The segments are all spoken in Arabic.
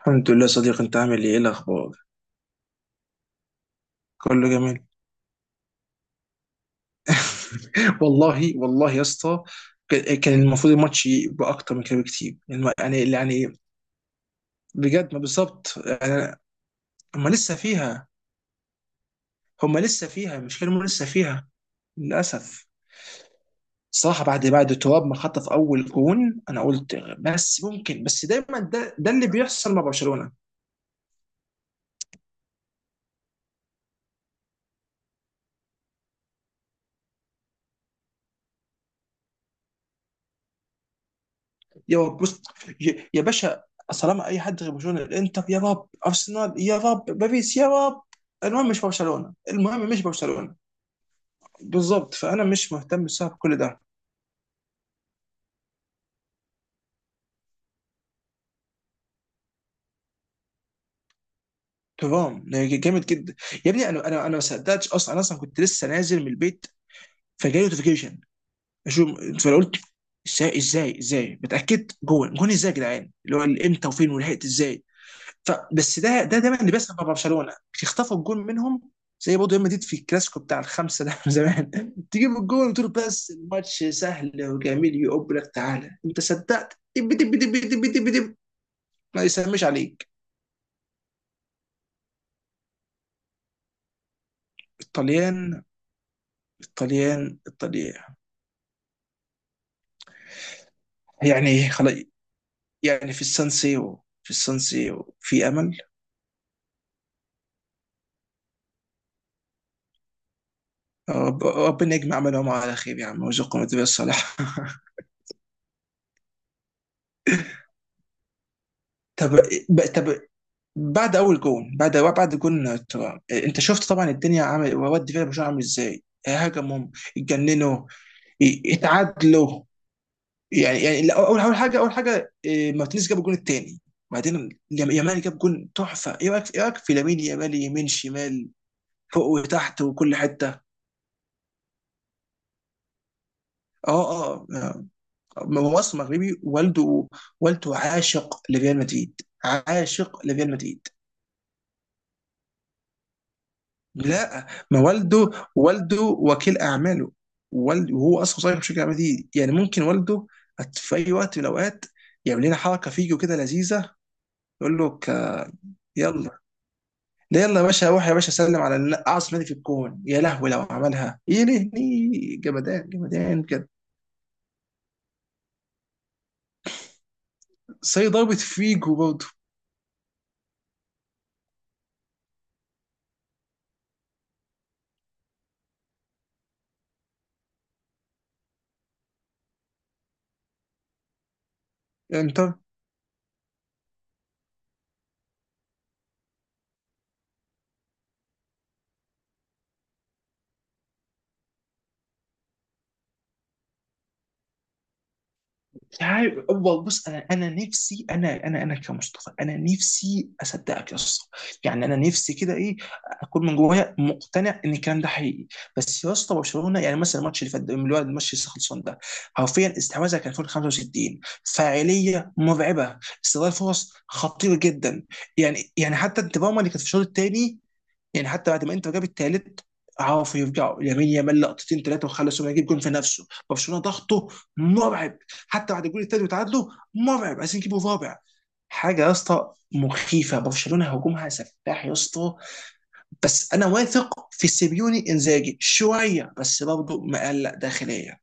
الحمد لله صديق، انت عامل ايه؟ ايه الاخبار؟ كله جميل. والله والله يا اسطى. كان المفروض الماتش يبقى اكتر من كده بكتير. يعني بجد، ما بالظبط يعني. هم لسه فيها، هم لسه فيها. مش كانوا لسه فيها؟ للاسف. صراحة بعد تراب ما خطف اول جون، انا قلت بس ممكن، بس دايما ده اللي بيحصل مع برشلونة. يا رب. بص، يا باشا، طالما اي حد غير برشلونه، الانتر يا رب، ارسنال يا رب، باريس يا رب. المهم مش برشلونه، المهم مش برشلونه. بالظبط، فانا مش مهتم بسبب كل ده. تمام. جامد جدا. يا ابني، انا ما صدقتش اصلا، انا اصلا كنت لسه نازل من البيت، فجاي نوتيفيكيشن اشوف، فانا قلت ازاي؟ ازاي بتاكد؟ جون ازاي يا جدعان؟ اللي هو امتى وفين ولحقت ازاي؟ ف بس ده دايما اللي بيحصل مع برشلونه، بيخطفوا الجول منهم. زي برضه ريال مدريد في الكلاسيكو بتاع الخمسه ده من زمان. تجيب الجول وتقول بس الماتش سهل وجميل، يقب لك تعالى انت صدقت؟ دب دب دب دب دب دب. ما يسميش عليك. الطليان، الطليان، الطليان. يعني خلاص، يعني في السان سيرو، في السان سيرو في امل. ربنا يجمع عملهم على خير يا عم ويرزقهم التوفيق الصالح. طب. طب. بعد اول جون، بعد جون ترام، انت شفت طبعا الدنيا؟ عامل واد فيلا برشلونه عامل ازاي؟ هاجموا، اتجننوا، اتعادلوا. يعني لا، اول حاجه إيه، مارتينيز جاب الجون الثاني. بعدين يامال جاب جون تحفه. ايه رايك في لامين يامال؟ يمين شمال، فوق وتحت وكل حته. اه، اه، آه. هو اصلا مغربي. والده عاشق لريال مدريد، عاشق لريال مدريد. لا، ما والده وكيل اعماله. والد وهو اصلا صغير في شركه الاعمال دي، يعني ممكن والده في اي وقت من الاوقات يعمل لنا حركه فيجو كده لذيذه، يقول له يلا. لا يلا يا باشا، روح يا باشا سلم على اعظم نادي في الكون. يا لهوي لو عملها! ايه؟ ليه؟ جمدان جمدان بجد. زي ضربة فيجو برضه يعني. مش عارف والله. بص، انا، انا نفسي انا انا انا كمصطفى، انا نفسي اصدقك يا اسطى. يعني انا نفسي كده، ايه، اكون من جوايا مقتنع ان الكلام ده حقيقي. بس يا اسطى، برشلونه، يعني مثلا الماتش اللي فات ده، اللي هو الماتش اللي لسه خلصان ده، حرفيا استحواذها كان فوق ال 65. فاعليه مرعبه، استغلال فرص خطير جدا. يعني حتى انت اللي كانت في الشوط الثاني، يعني حتى بعد ما انتر جاب الثالث، عرفوا يرجعوا. لامين يامال لقطتين ثلاثه وخلصوا يجيب جون في نفسه. برشلونه ضغطه مرعب، حتى بعد الجول الثالث وتعادلوا، مرعب، عايزين يجيبوا رابع. حاجه يا اسطى مخيفه، برشلونه هجومها سفاح يا اسطى. بس انا واثق في سيبيوني انزاجي شويه، بس برضه مقلق داخليا.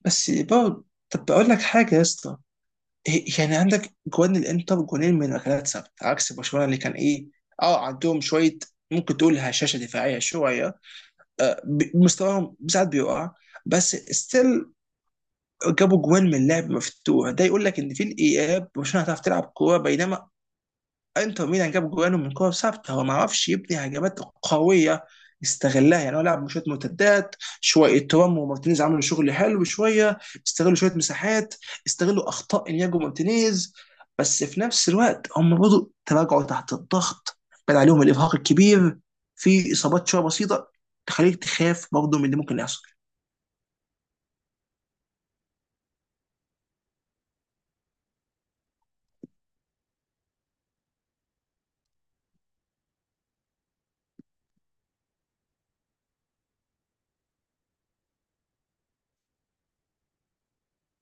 بس برضه، طب بقول لك حاجه يا اسطى، يعني عندك جوان الانتر، جونين من ركلات ثابته عكس برشلونه اللي كان، ايه، اه، عندهم شويه ممكن تقول هشاشه دفاعيه شويه، مستواهم ساعات بيقع. بس ستيل جابوا جوان من لعب مفتوح، ده يقول لك ان في الاياب برشلونه هتعرف تلعب كوره، بينما انتر ميلان جاب جوانه من كور ثابته، هو ما عرفش يبني هجمات قويه، استغلها. يعني هو لعب شويه مرتدات، شويه ترام ومارتينيز عملوا شغل حلو، شويه استغلوا شويه مساحات، استغلوا اخطاء انياجو مارتينيز. بس في نفس الوقت هم برضه تراجعوا تحت الضغط، بان عليهم الارهاق الكبير، في اصابات شويه بسيطه، تخليك تخاف برضه من اللي ممكن يحصل.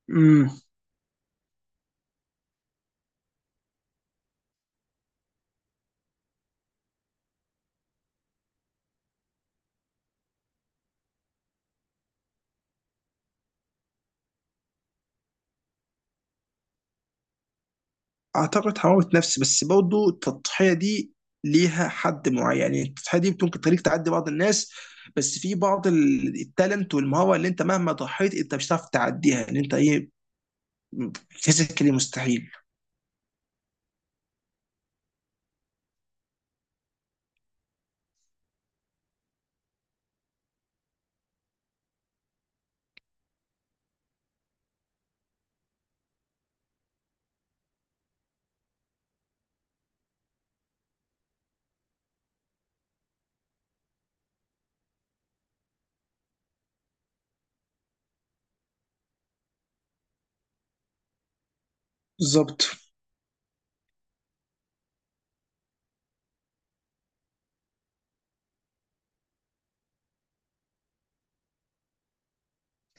امم اعتقد حراره نفس، بس برضه التضحيه دي ليها حد معين. يعني التضحيه دي ممكن تخليك تعدي بعض الناس، بس في بعض التالنت والمهاره اللي انت مهما ضحيت انت مش هتعرف تعديها، ان انت ايه، فيزيكالي مستحيل. بالظبط.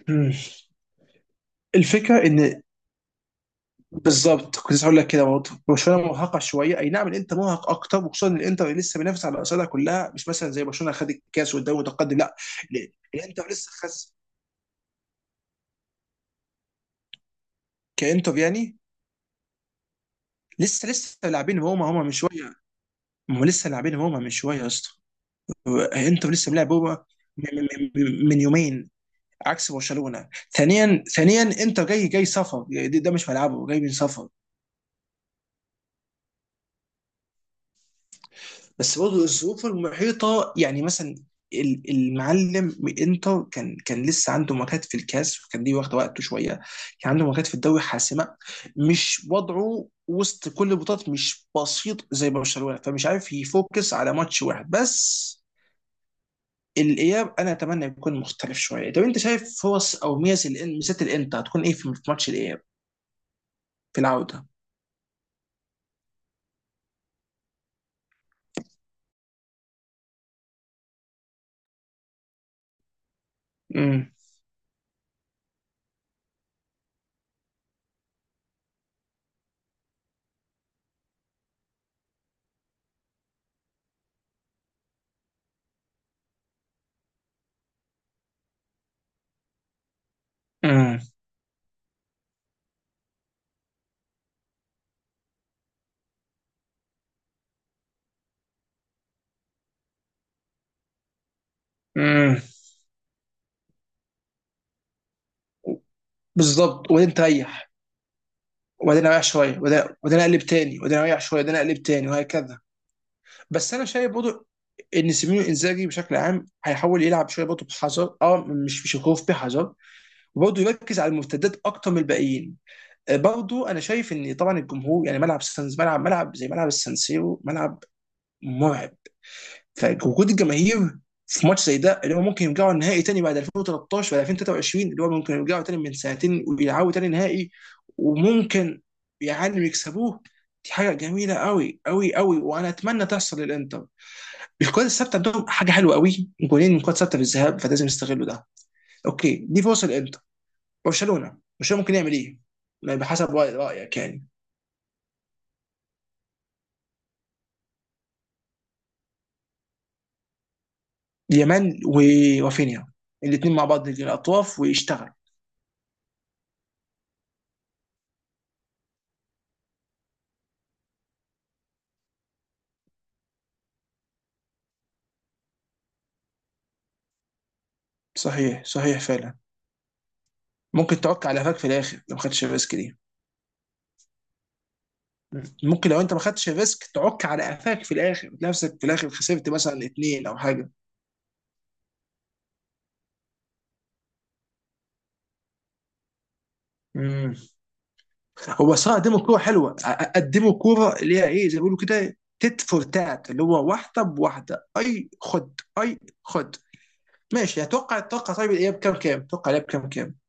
مم. الفكره ان، بالظبط، كنت لسه هقول لك كده برضه. برشلونه مرهقه شويه، اي نعم الانتر مرهق اكتر، وخصوصا ان الانتر لسه بينافس على الاصابع كلها، مش مثلا زي برشلونه خد الكاس والدوري متقدم. لا، الانتر لسه خس، كانتر يعني. لسه لاعبين، هما من شويه. ما هو لسه لاعبين هما من شويه يا اسطى. انتوا لسه ملاعب هما من, من يومين عكس برشلونه. ثانيا انت جاي سفر يعني، ده مش ملعبه، جاي من سفر. بس برضه الظروف المحيطه، يعني مثلا المعلم من انتر كان لسه عنده ماتشات في الكاس وكان دي واخده وقته شويه، كان عنده ماتشات في الدوري حاسمه. مش وضعه وسط كل البطولات مش بسيط زي برشلونه، فمش عارف يفوكس على ماتش واحد بس. الاياب انا اتمنى يكون مختلف شويه. طب انت شايف فرص او ميزه الان؟ ميزات الانتر هتكون ايه في في ماتش الاياب، في العوده؟ امم. امم. امم. بالظبط، وبعدين تريح، وبعدين اريح شويه، وبعدين اقلب تاني، وبعدين اريح شويه، وبعدين اقلب تاني، وهكذا. بس انا شايف برضه ان سيميوني انزاجي بشكل عام هيحاول يلعب شويه برضه بحذر، اه مش بشكوف بحذر، وبرضه يركز على المرتدات اكتر من الباقيين. برضه انا شايف ان طبعا الجمهور، يعني ملعب سانز ملعب، ملعب زي ملعب السانسيرو، ملعب مرعب، فوجود الجماهير في ماتش زي ده اللي هو ممكن يرجعوا النهائي تاني بعد 2013 ولا 2023، اللي هو ممكن يرجعوا تاني من سنتين ويلعبوا تاني نهائي وممكن، يعلم، يكسبوه. دي حاجه جميله قوي قوي قوي، وانا اتمنى تحصل للانتر. الكرات الثابته عندهم حاجه حلوه قوي، جولين من كرات ثابته في الذهاب، فلازم يستغلوا ده. اوكي، دي فرصه للانتر. برشلونه، برشلونه ممكن يعمل ايه؟ بحسب رايك يعني. يمان ورافينيا، الاثنين مع بعض، يجي الاطراف ويشتغل. صحيح، صحيح فعلا. ممكن تعك على قفاك في الاخر لو ما خدتش الريسك دي. ممكن لو انت ما خدتش الريسك تعك على قفاك في الاخر، نفسك في الاخر خسرت مثلا اتنين او حاجه. امم. هو صراحه قدموا كوره حلوه، قدموا كوره اللي هي، ايه، زي ما بيقولوا كده، تيت فور تات، اللي هو واحده بواحده اي خد اي خد. ماشي. اتوقع طيب الاياب كام كام؟ اتوقع الاياب كام كام؟